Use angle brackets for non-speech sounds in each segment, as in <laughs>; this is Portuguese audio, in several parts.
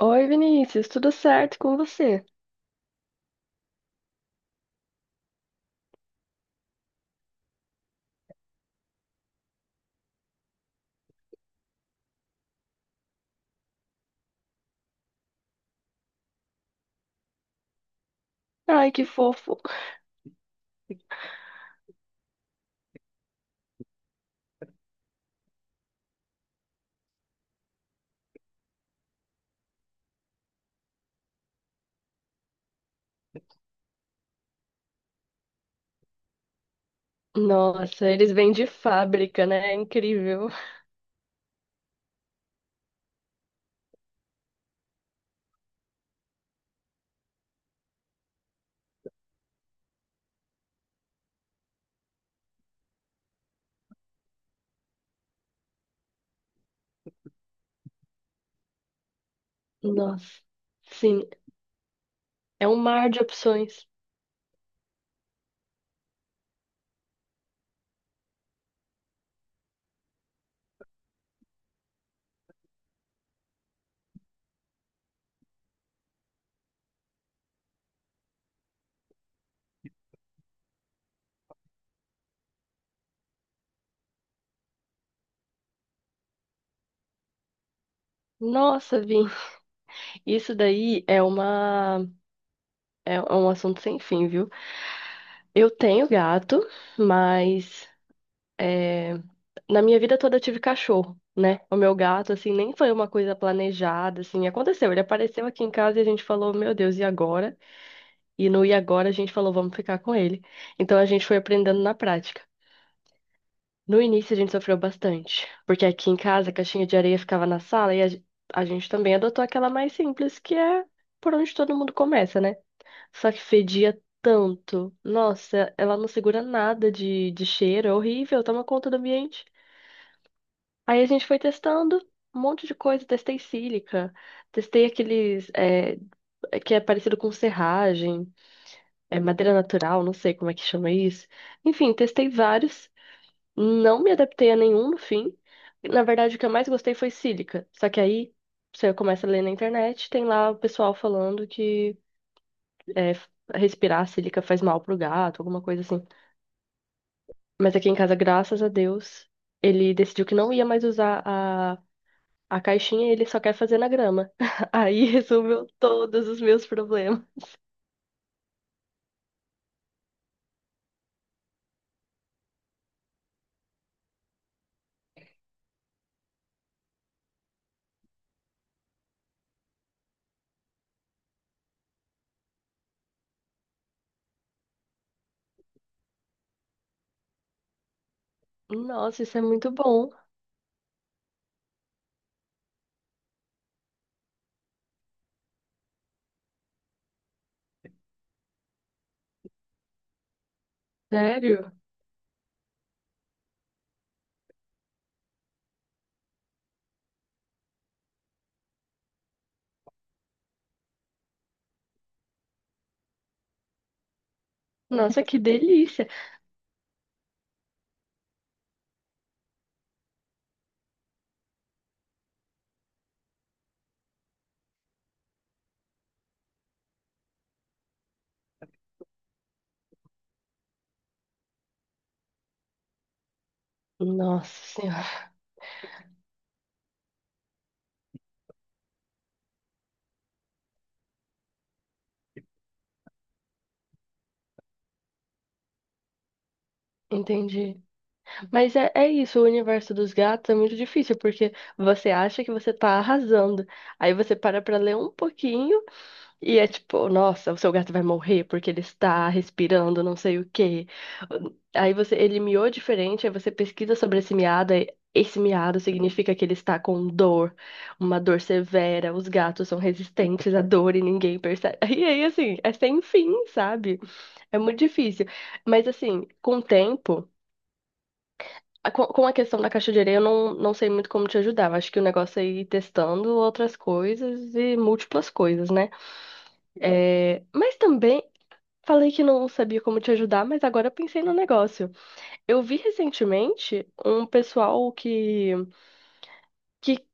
Oi, Vinícius, tudo certo com você? Ai, que fofo. Nossa, eles vêm de fábrica, né? É incrível. Nossa, sim, é um mar de opções. Nossa, Vini, isso daí é uma é um assunto sem fim, viu? Eu tenho gato, mas é, na minha vida toda eu tive cachorro, né? O meu gato, assim, nem foi uma coisa planejada, assim, aconteceu. Ele apareceu aqui em casa e a gente falou, meu Deus, e agora? E no E agora a gente falou, vamos ficar com ele. Então a gente foi aprendendo na prática. No início a gente sofreu bastante, porque aqui em casa a caixinha de areia ficava na sala e a gente também adotou aquela mais simples, que é por onde todo mundo começa, né? Só que fedia tanto. Nossa, ela não segura nada de cheiro, é horrível, toma conta do ambiente. Aí a gente foi testando um monte de coisa, testei sílica, testei aqueles que é parecido com serragem. É madeira natural, não sei como é que chama isso. Enfim, testei vários, não me adaptei a nenhum no fim. Na verdade, o que eu mais gostei foi sílica. Só que aí você começa a ler na internet, tem lá o pessoal falando que é, respirar sílica faz mal pro gato, alguma coisa assim. Mas aqui em casa, graças a Deus, ele decidiu que não ia mais usar a caixinha e ele só quer fazer na grama. <laughs> Aí resolveu todos os meus problemas. Nossa, isso é muito bom. Sério? Nossa, que delícia! Nossa senhora, <laughs> entendi. Mas é, é isso, o universo dos gatos é muito difícil, porque você acha que você tá arrasando. Aí você para pra ler um pouquinho e é tipo, nossa, o seu gato vai morrer porque ele está respirando não sei o quê. Aí você, ele miou diferente, aí você pesquisa sobre esse miado, aí esse miado significa que ele está com dor, uma dor severa, os gatos são resistentes à dor e ninguém percebe. <laughs> E aí, assim, é sem fim, sabe? É muito difícil. Mas assim, com o tempo, com a questão da caixa de areia, eu não sei muito como te ajudar. Eu acho que o negócio é ir testando outras coisas e múltiplas coisas, né? É, mas também falei que não sabia como te ajudar, mas agora eu pensei no negócio. Eu vi recentemente um pessoal que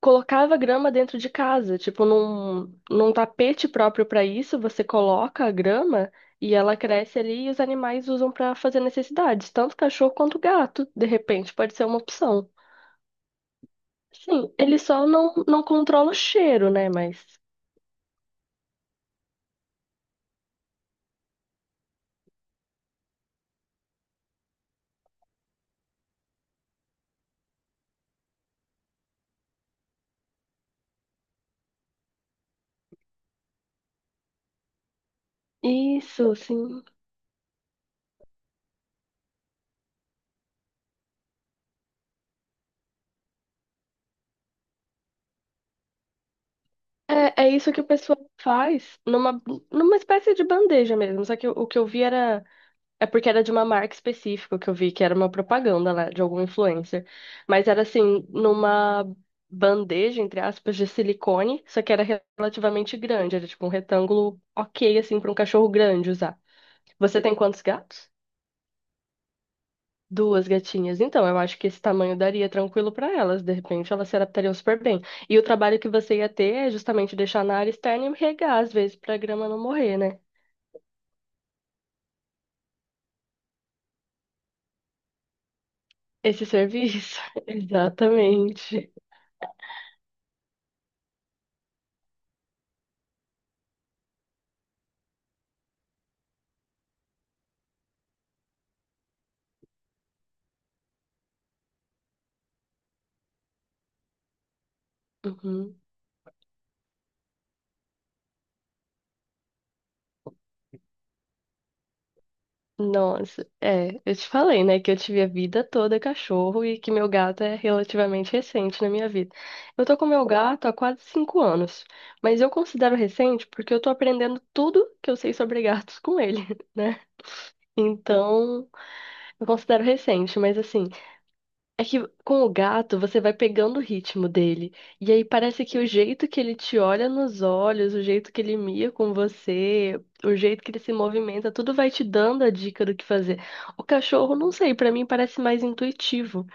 colocava grama dentro de casa, tipo num tapete próprio para isso, você coloca a grama e ela cresce ali e os animais usam para fazer necessidades, tanto cachorro quanto gato, de repente, pode ser uma opção. Sim, ele só não controla o cheiro, né? Mas isso, sim. É, é isso que o pessoal faz numa espécie de bandeja mesmo. Só que o que eu vi era... É porque era de uma marca específica que eu vi, que era uma propaganda lá, de algum influencer. Mas era assim, numa bandeja, entre aspas, de silicone, só que era relativamente grande, era tipo um retângulo ok, assim, para um cachorro grande usar. Você tem quantos gatos? Duas gatinhas. Então, eu acho que esse tamanho daria tranquilo para elas, de repente elas se adaptariam super bem. E o trabalho que você ia ter é justamente deixar na área externa e regar, às vezes, para a grama não morrer, né? Esse serviço. <laughs> Exatamente. Uhum. Nossa, é, eu te falei, né, que eu tive a vida toda cachorro e que meu gato é relativamente recente na minha vida. Eu tô com meu gato há quase 5 anos, mas eu considero recente porque eu tô aprendendo tudo que eu sei sobre gatos com ele, <laughs> né? Então, eu considero recente, mas assim, é que com o gato você vai pegando o ritmo dele. E aí parece que o jeito que ele te olha nos olhos, o jeito que ele mia com você, o jeito que ele se movimenta, tudo vai te dando a dica do que fazer. O cachorro, não sei, pra mim parece mais intuitivo.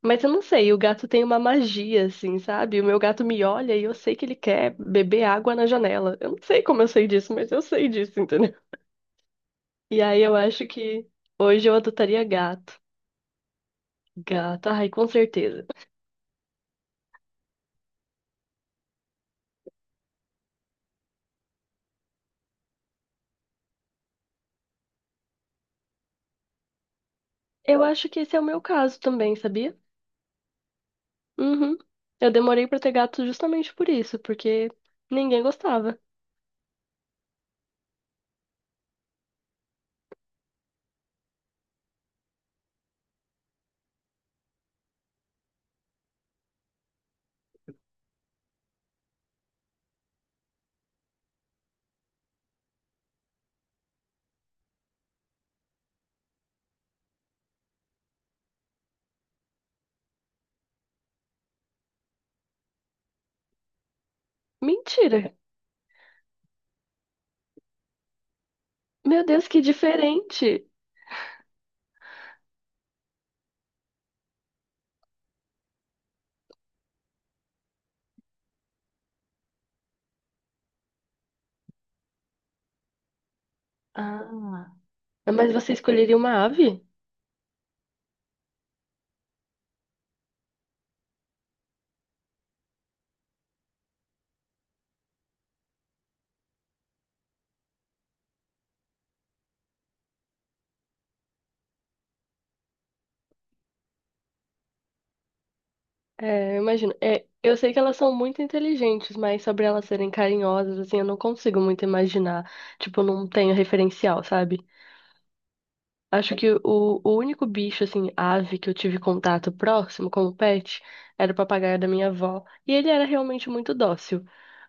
Mas eu não sei, o gato tem uma magia, assim, sabe? O meu gato me olha e eu sei que ele quer beber água na janela. Eu não sei como eu sei disso, mas eu sei disso, <laughs> entendeu? E aí eu acho que hoje eu adotaria gato. Gato, ai, com certeza. Eu acho que esse é o meu caso também, sabia? Uhum. Eu demorei pra ter gato justamente por isso, porque ninguém gostava. Mentira! Meu Deus, que diferente! Ah, mas você escolheria uma ave? É, eu imagino. É, eu sei que elas são muito inteligentes, mas sobre elas serem carinhosas, assim, eu não consigo muito imaginar. Tipo, eu não tenho referencial, sabe? Acho que o único bicho, assim, ave que eu tive contato próximo como pet era o papagaio da minha avó. E ele era realmente muito dócil.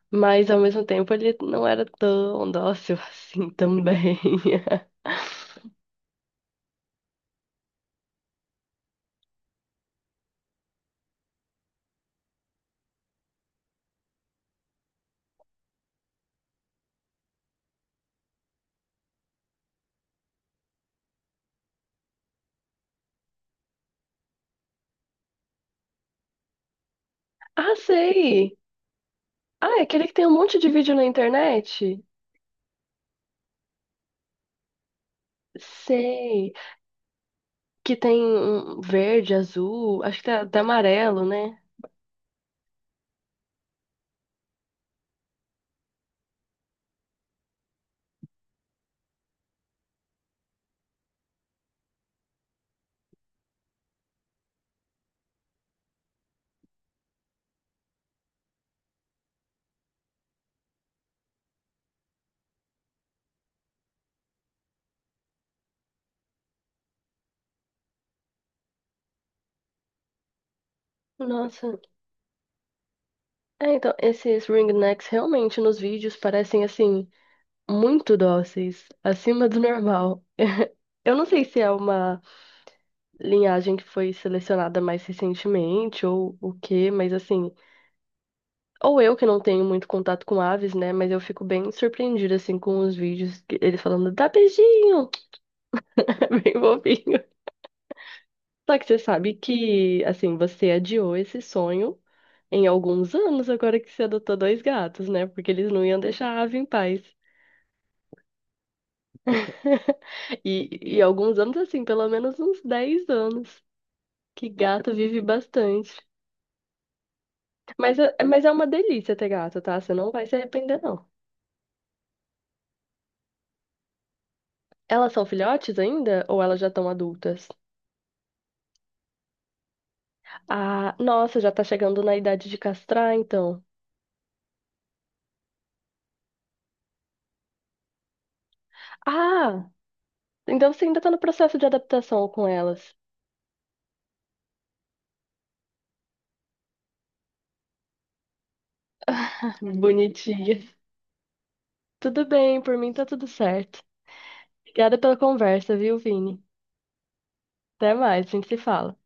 Mas ao mesmo tempo ele não era tão dócil assim também. <laughs> Ah, sei! Ah, é aquele que tem um monte de vídeo na internet? Sei. Que tem um verde, azul, acho que tá amarelo, né? Nossa. É, então, esses ringnecks realmente nos vídeos parecem, assim, muito dóceis, acima do normal. Eu não sei se é uma linhagem que foi selecionada mais recentemente ou o quê, mas, assim, ou eu que não tenho muito contato com aves, né? Mas eu fico bem surpreendida, assim, com os vídeos, que eles falando, dá beijinho, <laughs> é bem bobinho. Só que você sabe que, assim, você adiou esse sonho em alguns anos agora que você adotou dois gatos, né? Porque eles não iam deixar a ave em paz. <laughs> E alguns anos, assim, pelo menos uns 10 anos, que gato vive bastante. Mas, mas é uma delícia ter gato, tá? Você não vai se arrepender, não. Elas são filhotes ainda ou elas já estão adultas? Ah, nossa, já tá chegando na idade de castrar, então. Ah, então você ainda tá no processo de adaptação com elas. Bonitinha. Tudo bem, por mim tá tudo certo. Obrigada pela conversa, viu, Vini? Até mais, a gente se fala.